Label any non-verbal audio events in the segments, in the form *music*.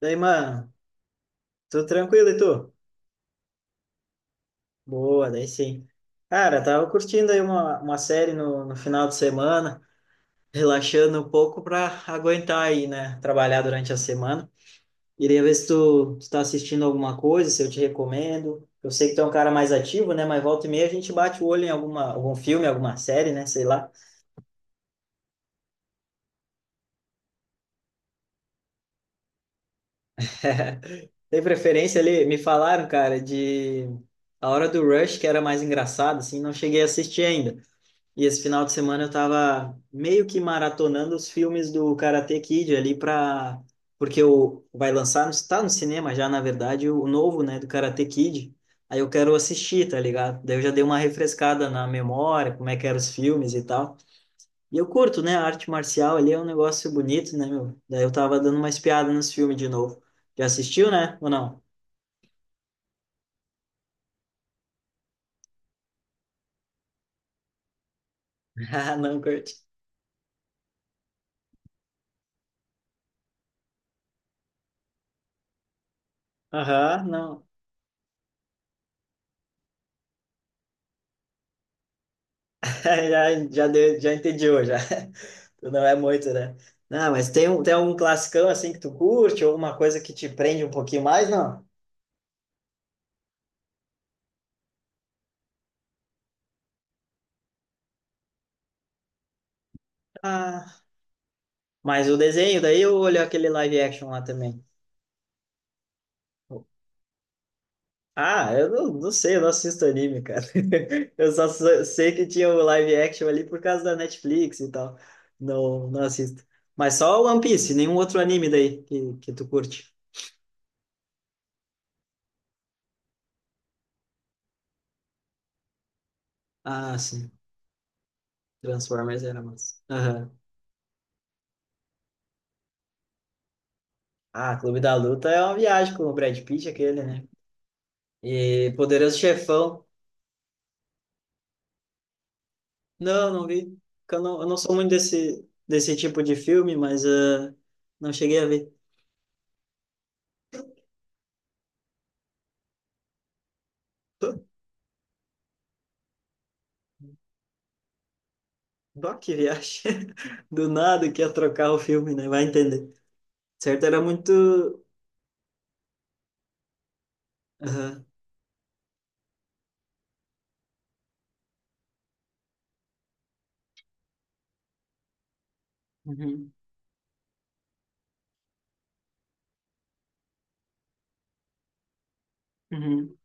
Daí, mano, tudo tranquilo e tu? Boa, daí sim. Cara, tava curtindo aí uma série no final de semana, relaxando um pouco pra aguentar aí, né? Trabalhar durante a semana. Iria ver se tu tá assistindo alguma coisa, se eu te recomendo. Eu sei que tu é um cara mais ativo, né? Mas volta e meia a gente bate o olho em algum filme, alguma série, né? Sei lá. *laughs* Tem preferência ali? Me falaram, cara, de A Hora do Rush, que era mais engraçado, assim, não cheguei a assistir ainda. E esse final de semana eu tava meio que maratonando os filmes do Karate Kid ali pra... Porque o... vai lançar, está no cinema já, na verdade, o novo, né, do Karate Kid. Aí eu quero assistir, tá ligado? Daí eu já dei uma refrescada na memória, como é que eram os filmes e tal. E eu curto, né, a arte marcial ali é um negócio bonito, né, meu? Daí eu tava dando uma espiada nos filmes de novo. Já assistiu, né? Ou não? *laughs* Ah, não curte. Aham, não. *laughs* Já entendeu, já. *laughs* Tu não é muito, né? Não, mas tem, tem algum classicão assim que tu curte, ou uma coisa que te prende um pouquinho mais, não? Ah, mas o desenho, daí eu olho aquele live action lá também. Ah, eu não sei, eu não assisto anime, cara. *laughs* Eu só sei que tinha o live action ali por causa da Netflix e tal. Não, não assisto. Mas só o One Piece, nenhum outro anime daí que tu curte. Ah, sim. Transformers era massa. Ah, Clube da Luta é uma viagem com o Brad Pitt, aquele, né? E Poderoso Chefão. Não, não vi. Porque eu não, eu não sou muito desse tipo de filme, mas ah, não cheguei a ver. Bah, que viagem. *laughs* Do nada que ia trocar o filme, né? Vai entender. Certo, era muito. Aham. Uhum. Uhum.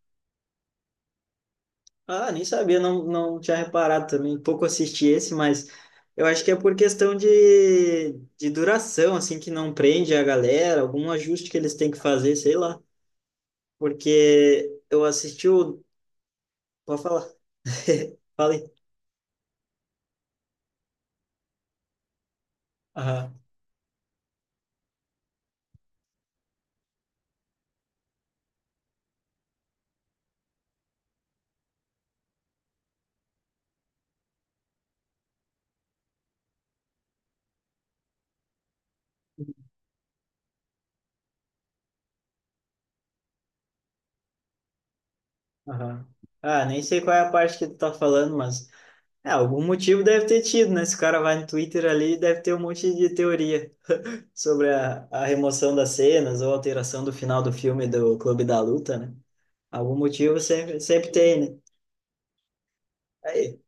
Ah, nem sabia, não tinha reparado também. Pouco assisti esse, mas eu acho que é por questão de duração, assim, que não prende a galera, algum ajuste que eles têm que fazer, sei lá. Porque eu assisti o. Pode falar, *laughs* fala aí. Aham, aham. Ah, nem sei qual é a parte que tu tá falando, mas é, algum motivo deve ter tido, né? Esse cara vai no Twitter ali deve ter um monte de teoria sobre a remoção das cenas ou alteração do final do filme do Clube da Luta, né? Algum motivo sempre tem, né? Aí,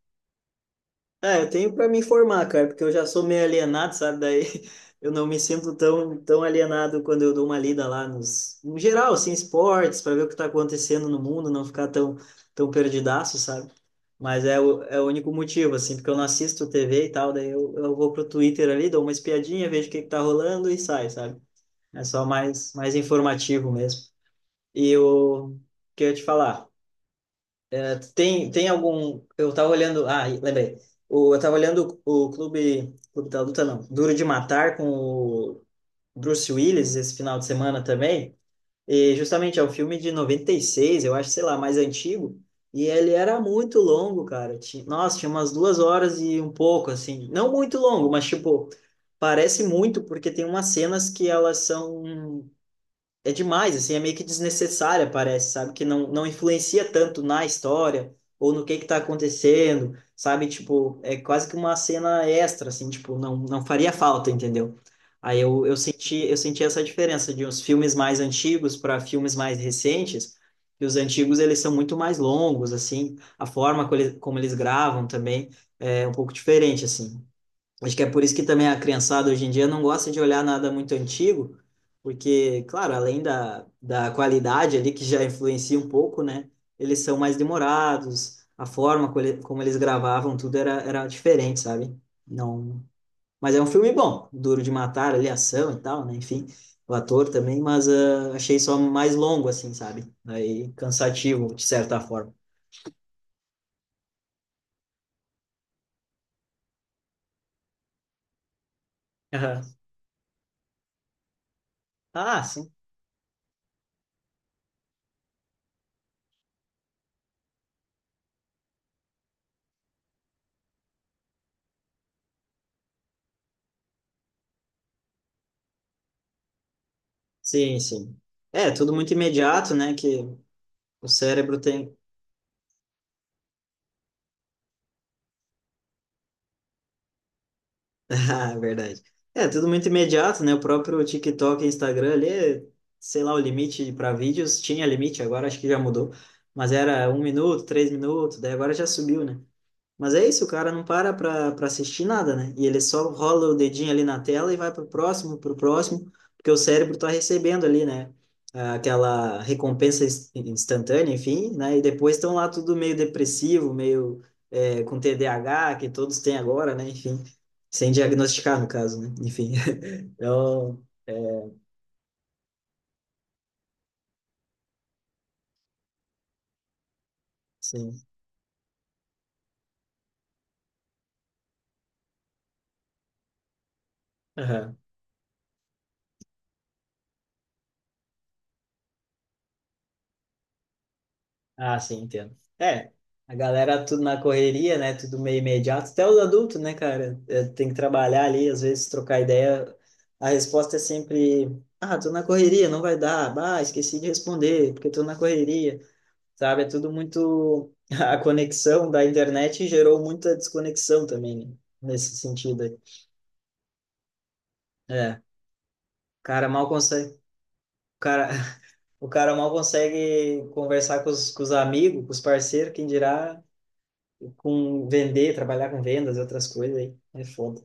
ah, eu tenho para me informar, cara, porque eu já sou meio alienado, sabe? Daí *laughs* eu não me sinto tão alienado quando eu dou uma lida lá no geral, assim, esportes, para ver o que está acontecendo no mundo, não ficar tão perdidaço, sabe? Mas é é o único motivo, assim, porque eu não assisto TV e tal, daí eu vou pro Twitter ali, dou uma espiadinha, vejo o que que tá rolando e sai, sabe? É só mais informativo mesmo. E o que eu ia te falar? Tem algum. Eu tava olhando. Ah, lembrei. O, eu tava olhando o Clube da Luta, não. Duro de Matar com o Bruce Willis esse final de semana também. E justamente é um filme de 96 eu acho, sei lá, mais antigo. E ele era muito longo, cara. Nossa, tinha umas 2 horas e um pouco, assim. Não muito longo, mas tipo, parece muito, porque tem umas cenas que elas são é demais, assim, é meio que desnecessária, parece, sabe? Que não influencia tanto na história ou no que tá acontecendo, sabe? Tipo, é quase que uma cena extra, assim, tipo, não faria falta, entendeu? Aí eu senti essa diferença de uns filmes mais antigos para filmes mais recentes, e os antigos eles são muito mais longos, assim, a forma como como eles gravam também é um pouco diferente, assim. Acho que é por isso que também a criançada hoje em dia não gosta de olhar nada muito antigo, porque, claro, além da qualidade ali, que já influencia um pouco, né? Eles são mais demorados, a forma como eles gravavam, tudo era diferente, sabe? Não... Mas é um filme bom, Duro de Matar, ali, ação e tal, né? Enfim, o ator também, mas ah, achei só mais longo, assim, sabe? Aí, cansativo, de certa forma. Aham. Ah, sim. Sim, sim. É, tudo muito imediato, né? Que o cérebro tem, *laughs* ah, verdade. É, tudo muito imediato, né? O próprio TikTok e Instagram ali, sei lá, o limite para vídeos, tinha limite, agora acho que já mudou, mas era 1 minuto, 3 minutos, daí agora já subiu, né? Mas é isso, o cara não para pra assistir nada, né? E ele só rola o dedinho ali na tela e vai pro próximo, porque o cérebro tá recebendo ali, né? Ah, aquela recompensa instantânea, enfim, né? E depois estão lá tudo meio depressivo, meio é, com TDAH, que todos têm agora, né? Enfim, sem diagnosticar, no caso, né? Enfim, *laughs* então, é, sim. Aham. Ah, sim, entendo. É, a galera tudo na correria, né? Tudo meio imediato. Até os adultos, né, cara? É, tem que trabalhar ali, às vezes trocar ideia. A resposta é sempre: ah, tô na correria, não vai dar. Ah, esqueci de responder, porque tô na correria. Sabe? É tudo muito. *laughs* A conexão da internet gerou muita desconexão também, né? Nesse sentido aí. É, o cara mal consegue. O cara, *laughs* o cara mal consegue conversar com com os amigos, com os parceiros, quem dirá com vender, trabalhar com vendas e outras coisas aí. É foda.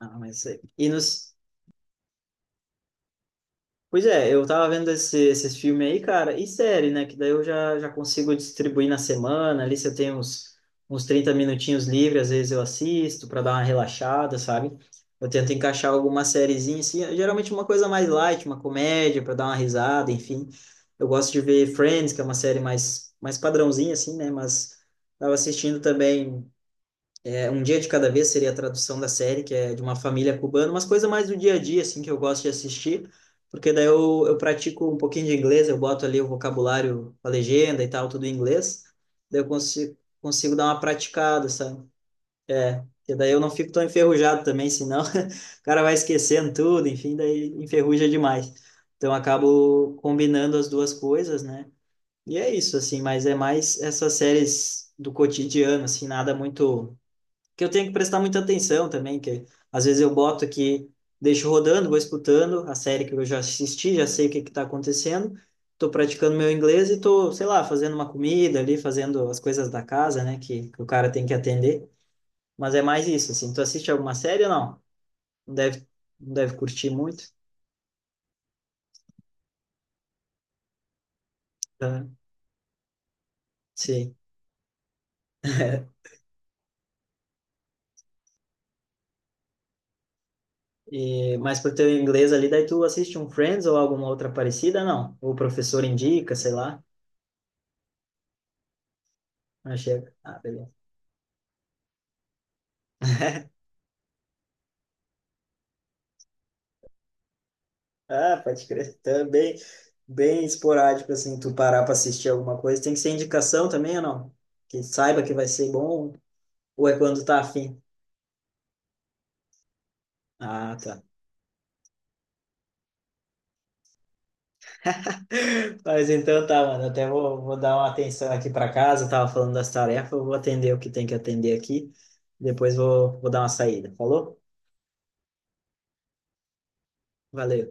Ah, mas e nos pois é, eu tava vendo esses filmes aí, cara, e série, né? Que daí eu já consigo distribuir na semana. Ali, se eu tenho uns 30 minutinhos livres, às vezes eu assisto para dar uma relaxada, sabe? Eu tento encaixar alguma sériezinha, assim, é geralmente uma coisa mais light, uma comédia, para dar uma risada, enfim. Eu gosto de ver Friends, que é uma série mais padrãozinha, assim, né? Mas tava assistindo também é, Um Dia de Cada Vez seria a tradução da série, que é de uma família cubana, umas coisas mais do dia a dia, assim, que eu gosto de assistir, porque daí eu pratico um pouquinho de inglês, eu boto ali o vocabulário, a legenda e tal, tudo em inglês, daí eu consigo dar uma praticada, sabe? É, porque daí eu não fico tão enferrujado também, senão *laughs* o cara vai esquecendo tudo, enfim, daí enferruja demais. Então eu acabo combinando as duas coisas, né? E é isso, assim, mas é mais essas séries do cotidiano, assim, nada muito que eu tenho que prestar muita atenção também, que às vezes eu boto aqui, deixo rodando, vou escutando a série que eu já assisti, já sei o que que tá acontecendo, tô praticando meu inglês e tô, sei lá, fazendo uma comida ali, fazendo as coisas da casa, né, que o cara tem que atender. Mas é mais isso, assim, tu assiste alguma série ou não? Não deve, não deve curtir muito, tá? Sim. E, mas pro teu inglês ali, daí tu assiste um Friends ou alguma outra parecida, não? Ou o professor indica, sei lá. Não chega. Ah, beleza. Ah, pode crer. Também bem esporádico, assim, tu parar pra assistir alguma coisa. Tem que ser indicação também ou não? Que saiba que vai ser bom ou é quando tá afim? Ah, tá. *laughs* Mas então tá, mano. Até vou, vou dar uma atenção aqui pra casa. Eu tava falando das tarefas, eu vou atender o que tem que atender aqui. Depois vou, vou dar uma saída. Falou? Valeu.